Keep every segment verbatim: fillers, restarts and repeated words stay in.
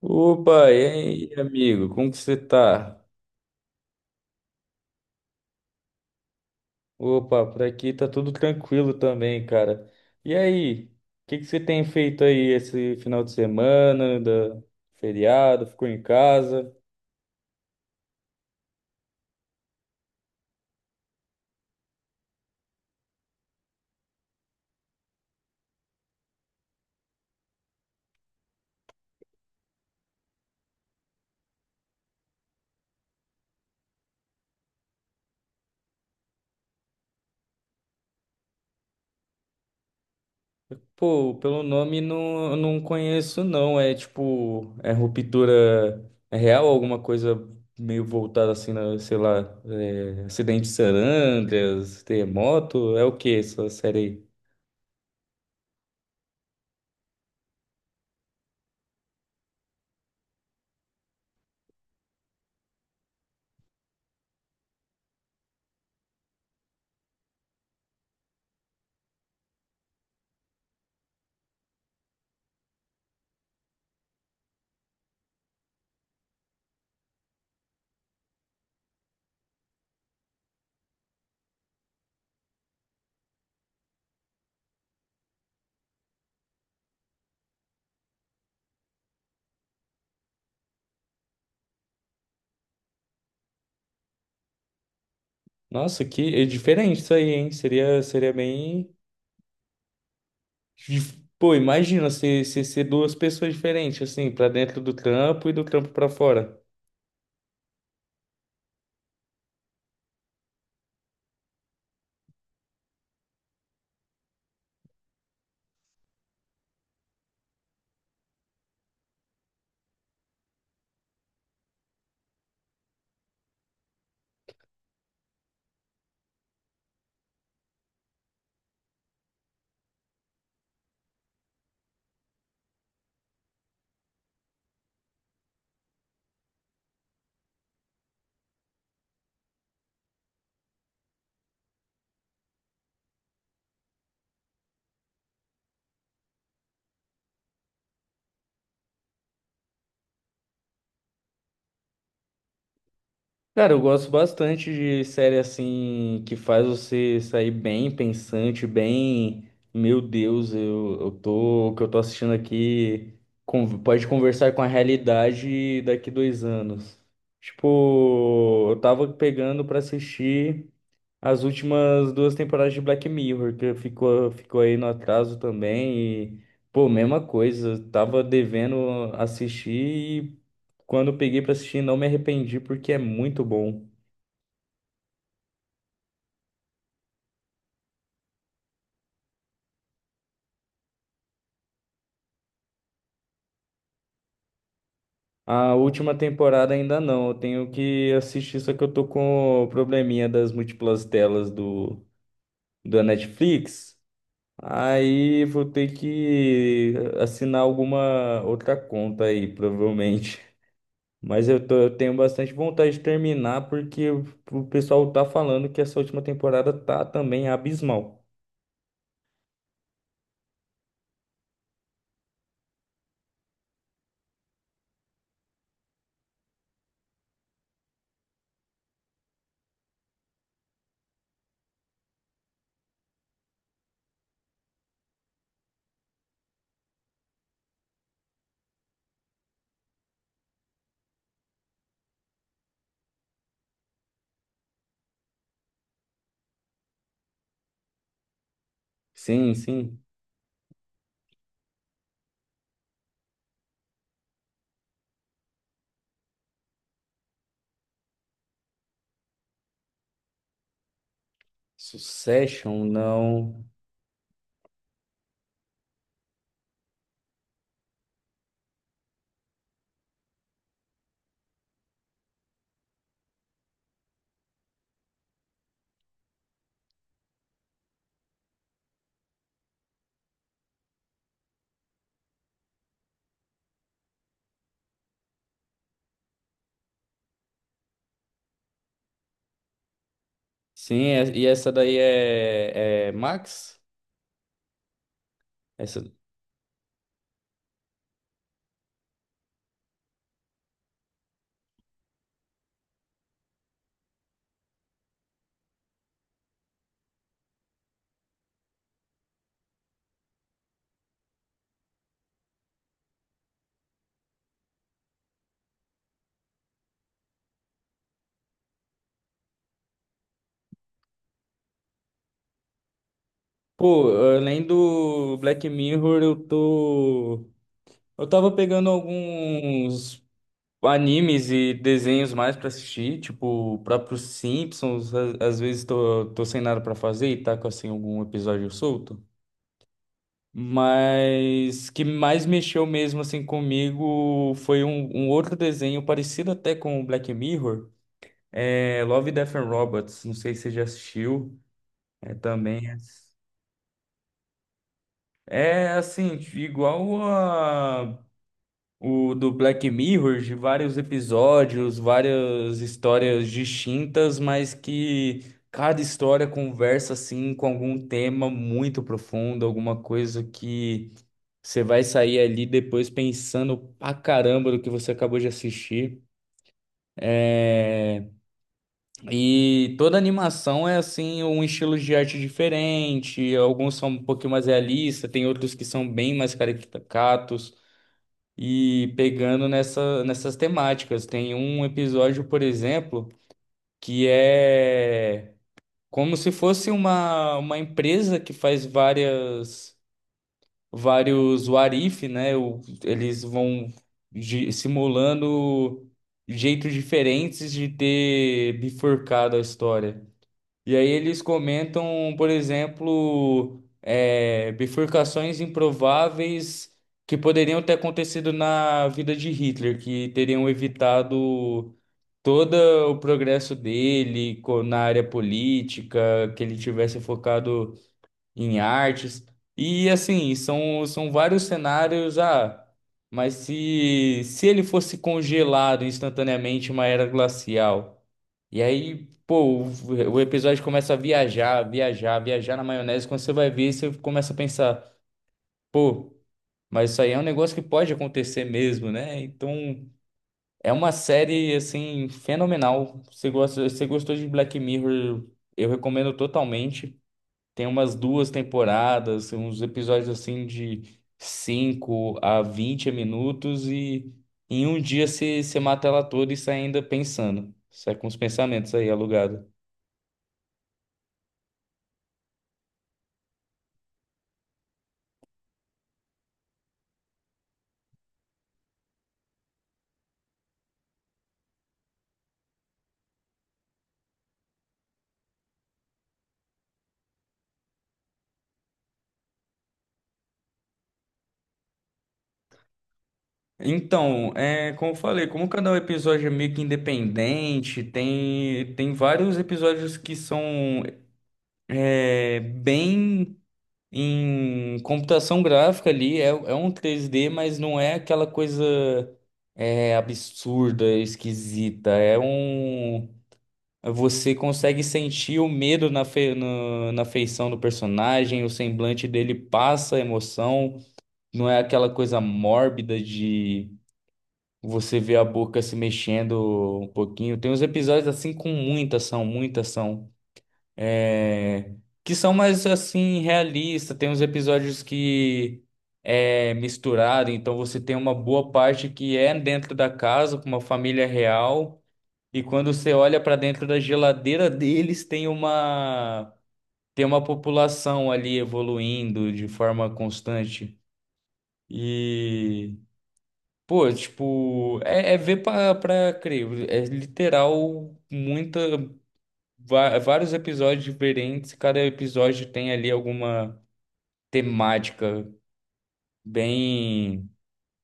Opa, e aí, amigo? Como que você tá? Opa, por aqui tá tudo tranquilo também, cara. E aí, o que que você tem feito aí esse final de semana, da feriado? Ficou em casa? Pô, pelo nome não, eu não conheço não. É tipo, é ruptura é real, alguma coisa meio voltada assim na, sei lá, é, acidente de Sarandras, terremoto, é o que essa série aí? Nossa, que é diferente isso aí, hein? Seria, seria bem. De- Pô, imagina ser, ser, ser duas pessoas diferentes, assim, pra dentro do trampo e do trampo pra fora. Cara, eu gosto bastante de série assim que faz você sair bem pensante, bem, meu Deus, eu, eu tô, o que eu tô assistindo aqui con- pode conversar com a realidade daqui dois anos. Tipo, eu tava pegando pra assistir as últimas duas temporadas de Black Mirror, que ficou, ficou aí no atraso também. E, pô, mesma coisa, tava devendo assistir e quando eu peguei pra assistir não me arrependi porque é muito bom. A última temporada ainda não, eu tenho que assistir, só que eu tô com o probleminha das múltiplas telas do, da Netflix. Aí vou ter que assinar alguma outra conta aí, provavelmente. Mas eu, tô- eu tenho bastante vontade de terminar porque o o pessoal tá falando que essa última temporada tá também abismal. Sim, sim. Succession, não. Sim, é- e essa daí é, é Max? Essa. Pô, além do Black Mirror, eu tô. Eu tava pegando alguns animes e desenhos mais pra assistir, tipo, o próprio Simpsons. a- Às vezes tô, tô sem nada pra fazer e tá com assim algum episódio solto. Mas que mais mexeu mesmo assim comigo foi um, um outro desenho parecido até com o Black Mirror, é Love, Death and Robots. Não sei se você já assistiu. É também é é, assim igual a, o do Black Mirror, de vários episódios, várias histórias distintas, mas que cada história conversa assim com algum tema muito profundo, alguma coisa que você vai sair ali depois pensando pra caramba do que você acabou de assistir. É, E toda animação é assim, um estilo de arte diferente. Alguns são um pouquinho mais realistas, tem outros que são bem mais caricatos. E pegando nessa, nessas temáticas. Tem um episódio, por exemplo, que é como se fosse uma, uma empresa que faz várias. Vários what if, né? o- Eles vão gi- simulando jeitos diferentes de ter bifurcado a história. E aí eles comentam, por exemplo, é, bifurcações improváveis que poderiam ter acontecido na vida de Hitler, que teriam evitado todo o progresso dele co- na área política, que ele tivesse focado em artes. E assim, são, são vários cenários. Ah, mas se, se ele fosse congelado instantaneamente em uma era glacial? E aí, pô, o, o episódio começa a viajar, viajar, viajar na maionese. Quando você vai ver, você começa a pensar, pô, mas isso aí é um negócio que pode acontecer mesmo, né? Então, é uma série, assim, fenomenal. Você gosta, você gostou de Black Mirror? Eu recomendo totalmente. Tem umas duas temporadas, uns episódios assim de cinco a vinte minutos e em um dia você você mata ela toda e sai ainda pensando. Sai com os pensamentos aí alugado. Então, é, como eu falei, como cada episódio é meio que independente, tem, tem vários episódios que são é, bem. Em computação gráfica ali é, é um três dê mas não é aquela coisa é, absurda, esquisita. É um. Você consegue sentir o medo na, fe... no- na feição do personagem, o semblante dele passa a emoção. Não é aquela coisa mórbida de você ver a boca se mexendo um pouquinho. Tem uns episódios assim com muita ação, muita ação é, que são mais assim realistas. Tem uns episódios que é misturado, então você tem uma boa parte que é dentro da casa com uma família real e quando você olha para dentro da geladeira deles tem uma tem uma população ali evoluindo de forma constante e pô, tipo, é, é ver pra, pra crer, é literal muita va- vários episódios diferentes, cada episódio tem ali alguma temática bem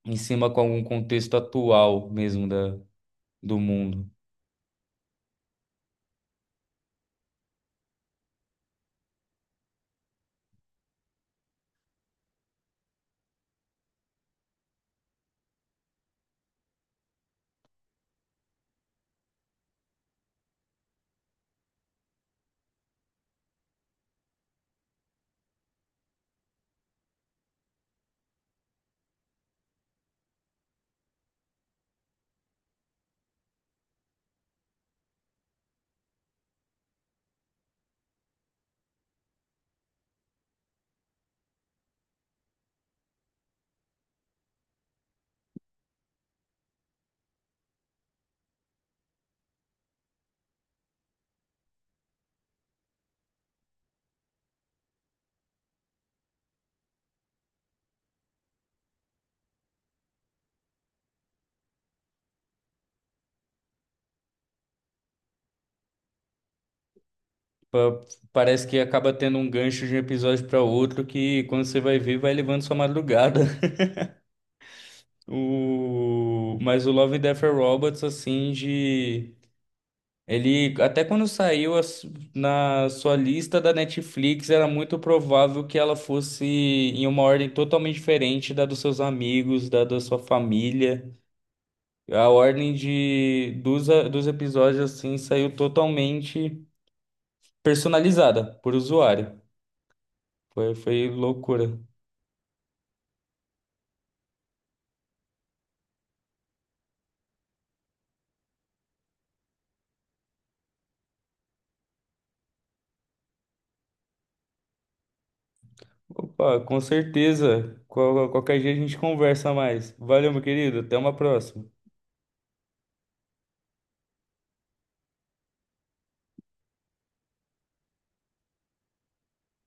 em cima com algum contexto atual mesmo da, do mundo. Parece que acaba tendo um gancho de um episódio para outro que, quando você vai ver, vai levando sua madrugada. O. Mas o Love, Death and Robots, assim, de Ele, até quando saiu a na sua lista da Netflix, era muito provável que ela fosse em uma ordem totalmente diferente da dos seus amigos, da da sua família. A ordem de, dos, a- dos episódios, assim, saiu totalmente personalizada por usuário. Foi, foi loucura. Opa, com certeza. Qual- qualquer dia a gente conversa mais. Valeu, meu querido. Até uma próxima.